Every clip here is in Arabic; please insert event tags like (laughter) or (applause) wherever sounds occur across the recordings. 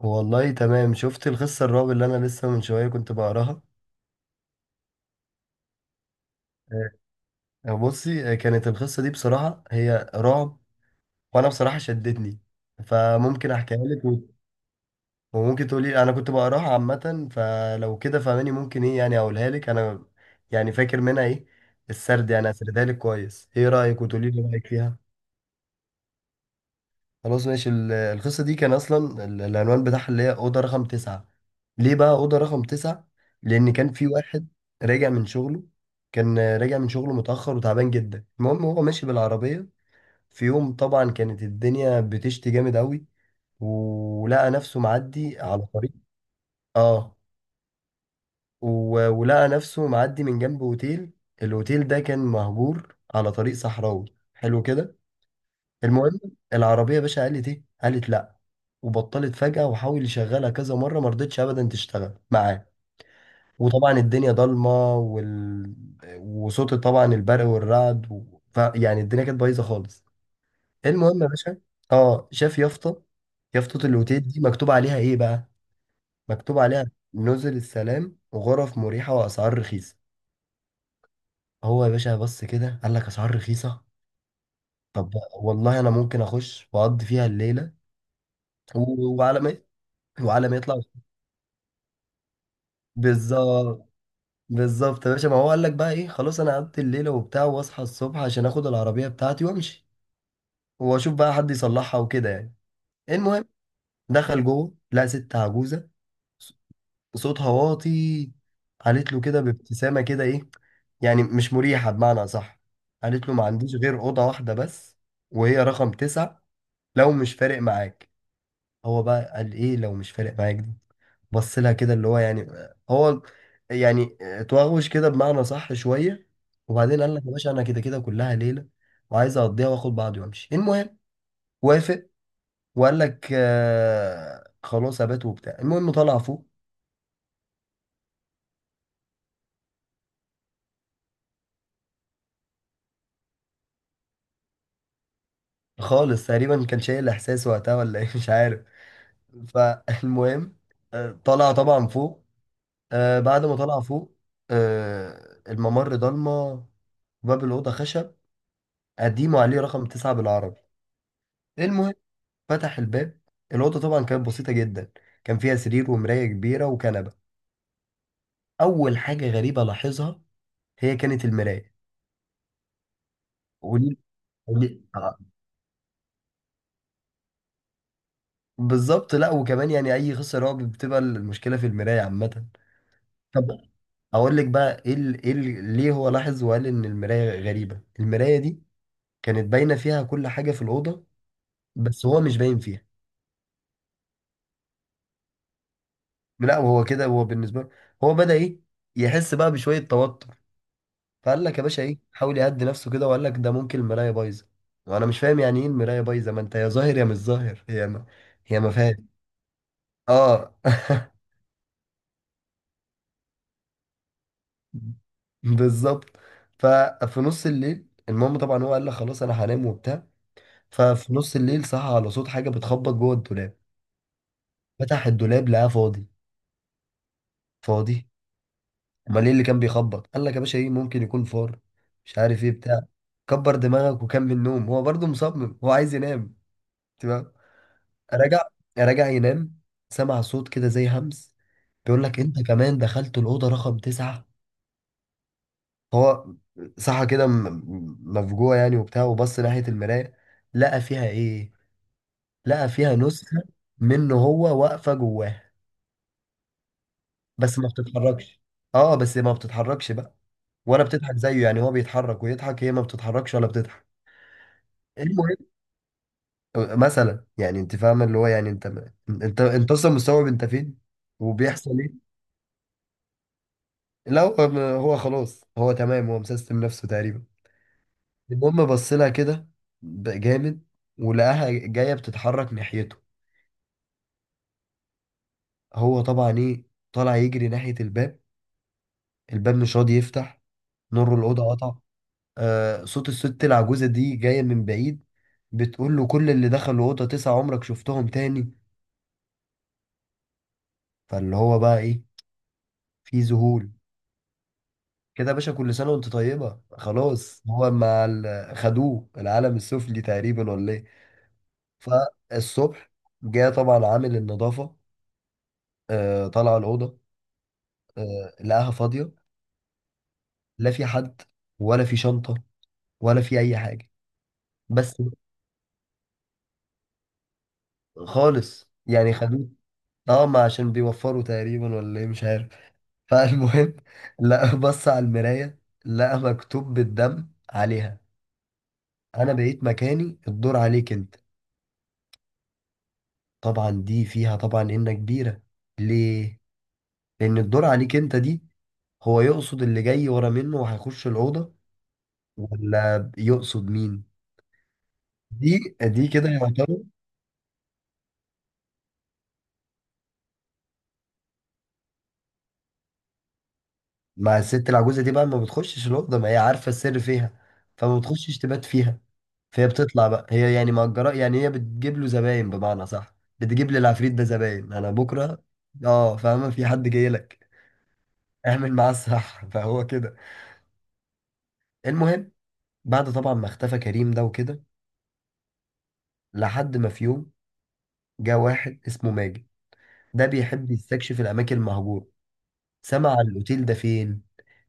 والله تمام، شفت القصة الرعب اللي أنا لسه من شوية كنت بقراها. آه، بصي، كانت القصة دي بصراحة هي رعب. وأنا بصراحة شدتني، فممكن أحكيها لك وممكن تقولي أنا كنت بقراها عامة، فلو كده فهماني ممكن إيه يعني أقولها لك أنا. يعني فاكر منها إيه؟ السرد يعني هسردها لك كويس، إيه رأيك؟ وتقولي لي رأيك فيها. خلاص ماشي، القصة دي كان أصلا العنوان بتاعها اللي هي أوضة رقم تسعة. ليه بقى أوضة رقم تسعة؟ لأن كان في واحد راجع من شغله كان راجع من شغله متأخر وتعبان جدا. المهم، هو ماشي بالعربية، في يوم طبعا كانت الدنيا بتشتي جامد أوي، ولقى نفسه معدي على طريق، آه ولقى نفسه معدي من جنب أوتيل. الأوتيل ده كان مهجور على طريق صحراوي. حلو كده. المهم، العربية يا باشا قالت ايه؟ قالت لا، وبطلت فجأة، وحاول يشغلها كذا مرة ما رضتش ابدا تشتغل معاه. وطبعا الدنيا ضلمة، وصوت طبعا البرق والرعد، يعني الدنيا كانت بايظة خالص. المهم يا باشا، اه شاف يافطة الاوتيل دي مكتوب عليها ايه بقى؟ مكتوب عليها نزل السلام وغرف مريحة واسعار رخيصة. هو يا باشا بص كده، قال لك اسعار رخيصة. طب، والله انا ممكن اخش واقضي فيها الليلة، و... وعلى ما وعلى ما يطلع. بالظبط. بالظبط يا باشا، ما هو قال لك بقى ايه، خلاص انا قعدت الليله وبتاع، واصحى الصبح عشان اخد العربيه بتاعتي وامشي، واشوف بقى حد يصلحها وكده يعني. المهم، دخل جوه لقى ست عجوزه، ص- صوتها واطي. قالت له كده بابتسامه كده ايه، يعني مش مريحه بمعنى صح. قالت له ما عنديش غير اوضه واحده بس، وهي رقم تسعة، لو مش فارق معاك. هو بقى قال ايه لو مش فارق معاك دي، بص لها كده اللي هو يعني، هو يعني توغوش كده بمعنى صح شويه. وبعدين قال لك يا باشا، انا كده كده كلها ليله وعايز اقضيها واخد بعضي وامشي. المهم، وافق وقال لك آه خلاص ابات وبتاع. المهم، طلع فوق. خالص تقريبا، كان شايل احساس وقتها ولا ايه (laughs) مش عارف. فالمهم، طلع طبعا فوق. بعد ما طلع فوق، الممر ضلمه. باب الاوضه خشب قديمه، عليه رقم تسعة بالعربي. المهم، فتح الباب. الأوضة طبعا كانت بسيطة جدا، كان فيها سرير ومراية كبيرة وكنبة. أول حاجة غريبة لاحظها هي كانت المراية. قولي. قولي، آه، بالظبط. لا وكمان يعني أي قصة رعب بتبقى المشكلة في المراية عامة. طب، أقول لك بقى إيه ليه هو لاحظ وقال إن المراية غريبة. المراية دي كانت باينة فيها كل حاجة في الأوضة، بس هو مش باين فيها. لا وهو كده، هو بالنسبة له، هو بدأ إيه، يحس بقى بشوية توتر. فقال لك يا باشا ايه، حاول يهدي نفسه كده وقال لك ده ممكن المرايه بايظه. وانا مش فاهم يعني ايه المرايه بايظه، ما انت يا ظاهر يا مش ظاهر. هي ما فاهم. اه (laughs) بالظبط. ففي نص الليل، المهم طبعا هو قال لك خلاص انا هنام وبتاع. ففي نص الليل صحى على صوت حاجه بتخبط جوه الدولاب. فتح الدولاب لقاه فاضي. فاضي، امال ايه اللي كان بيخبط؟ قال لك يا باشا ايه، ممكن يكون فار، مش عارف ايه بتاع. كبر دماغك وكمل نوم. هو برضه مصمم، هو عايز ينام. راجع راجع ينام. سمع صوت كده زي همس، بيقول لك انت كمان دخلت الأوضة رقم تسعة. هو صحى كده مفجوع يعني وبتاع، وبص ناحية المراية. لقى فيها ايه؟ لقى فيها نسخة منه هو واقفة جواه. بس ما بتتحركش. اه بس ما بتتحركش بقى، ولا بتضحك زيه. يعني هو بيتحرك ويضحك، هي ما بتتحركش ولا بتضحك. المهم، مثلا يعني انت فاهم اللي هو يعني انت اصلا مستوعب انت فين وبيحصل إيه؟ لا هو هو خلاص، هو تمام، هو مسيستم نفسه تقريبا. المهم، بص لها كده جامد، ولقاها جايه بتتحرك ناحيته. هو طبعا ايه، طالع يجري ناحيه الباب. الباب مش راضي يفتح. نور الاوضه قطع. صوت الست العجوزه دي جايه من بعيد، بتقول له كل اللي دخلوا الاوضه تسعه عمرك شفتهم تاني؟ فاللي هو بقى ايه، في ذهول. كده يا باشا، كل سنه وانت طيبه، خلاص. هو مع خدوه العالم السفلي تقريبا ولا ايه؟ فالصبح جه طبعا عامل النظافة، طلع الأوضة، لقاها فاضية. لا في حد، ولا في شنطة، ولا في أي حاجة. بس. خالص يعني خدوه. اه ما عشان بيوفروا تقريبا ولا ايه، مش عارف. فالمهم (laughs) لقى، بص على المراية، لقى مكتوب بالدم عليها: انا بقيت مكاني، الدور عليك انت. طبعا دي فيها طبعا انك كبيرة. ليه؟ لان الدور عليك انت دي، هو يقصد اللي جاي ورا منه وهيخش الأوضة، ولا يقصد مين؟ دي كده يا ترى؟ مع الست العجوزه دي بقى، ما بتخشش الاوضه، ما هي عارفه السر فيها. فما بتخشش تبات فيها، فهي بتطلع بقى. هي يعني مأجره يعني، هي بتجيب له زباين بمعنى صح. بتجيب للعفريت ده زباين، انا بكره. اه فاهمه، في حد جاي لك، اعمل معاه الصح (laughs) فهو كده. المهم، بعد طبعا ما اختفى كريم ده وكده، لحد ما في يوم جه واحد اسمه ماجد. ده بيحب يستكشف الاماكن المهجوره. سمع عن الأوتيل ده فين؟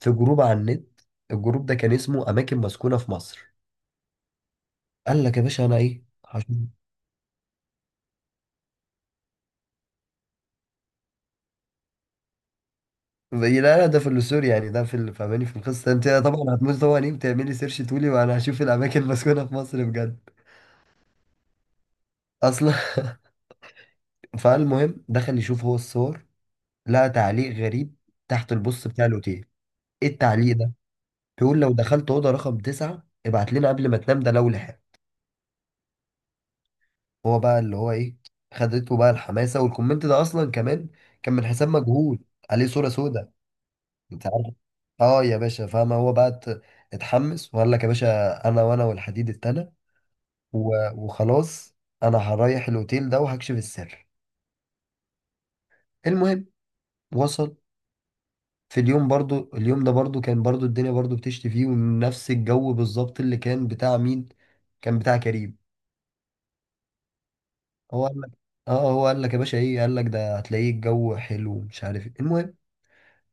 في جروب على النت. الجروب ده كان اسمه أماكن مسكونة في مصر. قال لك يا باشا أنا إيه؟ هشوف. لا لا، ده في السور يعني، ده في فاهماني في القصة. أنت طبعا هتموت طبعا، إيه بتعملي سيرش تقولي وأنا هشوف الأماكن (laughs) المسكونة في مصر بجد أصلا (laughs) فالمهم، دخل يشوف هو الصور، لقى تعليق غريب تحت البوست بتاع الأوتيل. إيه التعليق ده؟ بيقول لو دخلت أوضة رقم تسعة ابعت لنا قبل ما تنام، ده لو لحقت. هو بقى اللي هو ايه، خدته بقى الحماسه. والكومنت ده اصلا كمان كان من حساب مجهول، عليه صوره سوداء، انت عارف. اه يا باشا فاهم، هو بقى اتحمس وقال لك يا باشا انا، والحديد التاني، وخلاص انا هريح الاوتيل ده وهكشف السر. المهم، وصل. في اليوم برضو، اليوم ده برضو كان برضو الدنيا برضو بتشتي فيه، ونفس الجو بالظبط اللي كان بتاع مين؟ كان بتاع كريم. هو قال لك، يا باشا ايه، قال لك ده هتلاقيه الجو حلو ومش عارف ايه. المهم،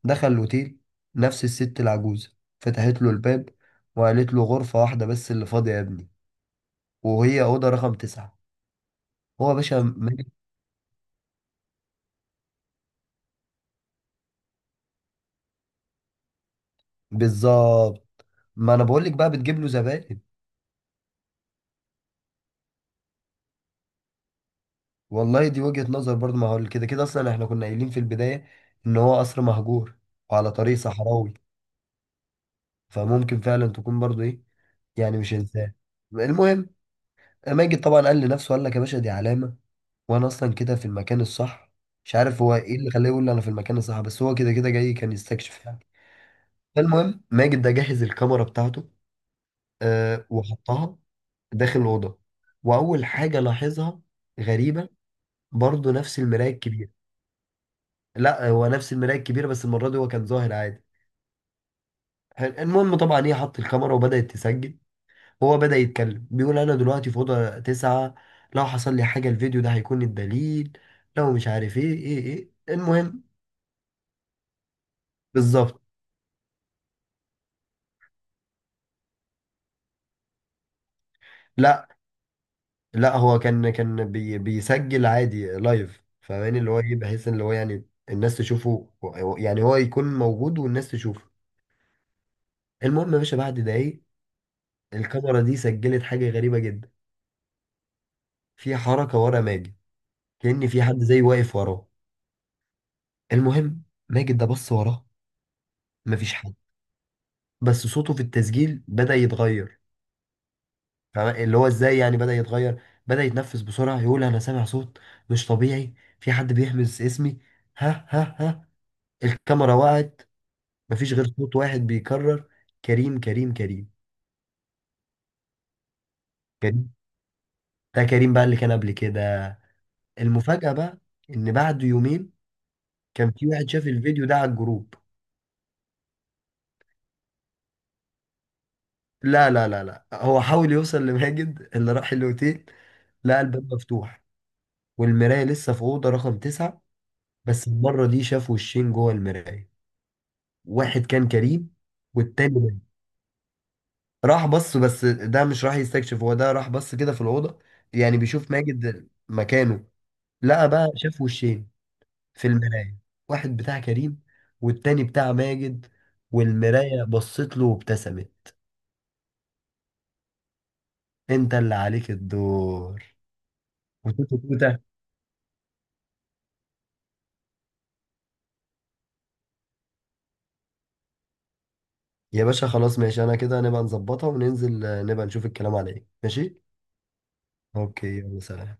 دخل الأوتيل. نفس الست العجوزة فتحت له الباب، وقالت له غرفة واحدة بس اللي فاضية يا ابني، وهي أوضة رقم تسعة. هو يا باشا مالك. بالظبط، ما أنا بقولك بقى، بتجيب له زباين. والله دي وجهة نظر برضه، ما هو كده كده أصلا إحنا كنا قايلين في البداية إن هو قصر مهجور، وعلى طريق صحراوي، فممكن فعلا تكون برضه إيه، يعني مش إنسان. المهم، ماجد طبعا قال لنفسه، قال لك يا باشا دي علامة، وانا اصلا كده في المكان الصح. مش عارف هو ايه اللي خلاه يقول لي انا في المكان الصح، بس هو كده كده جاي كان يستكشف يعني. فالمهم، ماجد ده جهز الكاميرا بتاعته. وحطها داخل الاوضه. واول حاجه لاحظها غريبه، برضه نفس المرايه الكبيره. لا، هو نفس المرايه الكبيره، بس المره دي هو كان ظاهر عادي. حلو. المهم طبعا، هي حط الكاميرا وبدات تسجل. هو بدا يتكلم، بيقول انا دلوقتي في اوضه تسعة، لو حصل لي حاجه الفيديو ده هيكون الدليل، لو مش عارف ايه المهم. بالظبط. لا لا، هو كان بيسجل عادي لايف، فاهماني اللي هو ايه، بحيث ان اللي هو يعني الناس تشوفه، يعني هو يكون موجود والناس تشوفه. المهم يا باشا بعد دقايق، الكاميرا دي سجلت حاجة غريبة جدا. في حركة ورا ماجد، كأن في حد زي واقف وراه. المهم، ماجد ده بص وراه، مفيش حد. بس صوته في التسجيل بدأ يتغير. فاهمة؟ اللي هو ازاي يعني، بدأ يتغير، بدأ يتنفس بسرعة، يقول انا سامع صوت مش طبيعي، في حد بيهمس اسمي، ها ها ها. الكاميرا وقعت، مفيش غير صوت واحد بيكرر: كريم، كريم، كريم. كريم ده كريم بقى اللي كان قبل كده. المفاجأة بقى، إن بعد يومين كان في واحد شاف الفيديو ده على الجروب. لا لا لا لا، هو حاول يوصل لماجد اللي راح الأوتيل. لقى الباب مفتوح، والمراية لسه في أوضة رقم تسعة. بس المرة دي شاف وشين جوه المراية، واحد كان كريم والتاني ماجد. راح بص، بس ده مش راح يستكشف، هو ده راح بص كده في الأوضة، يعني بيشوف ماجد مكانه. لقى بقى شاف وشين في المراية، واحد بتاع كريم والتاني بتاع ماجد. والمراية بصت له وابتسمت: انت اللي عليك الدور. وتوتو توتة. يا باشا خلاص ماشي، انا كده نبقى نظبطها وننزل، نبقى نشوف الكلام على ايه، ماشي. اوكي يلا سلام.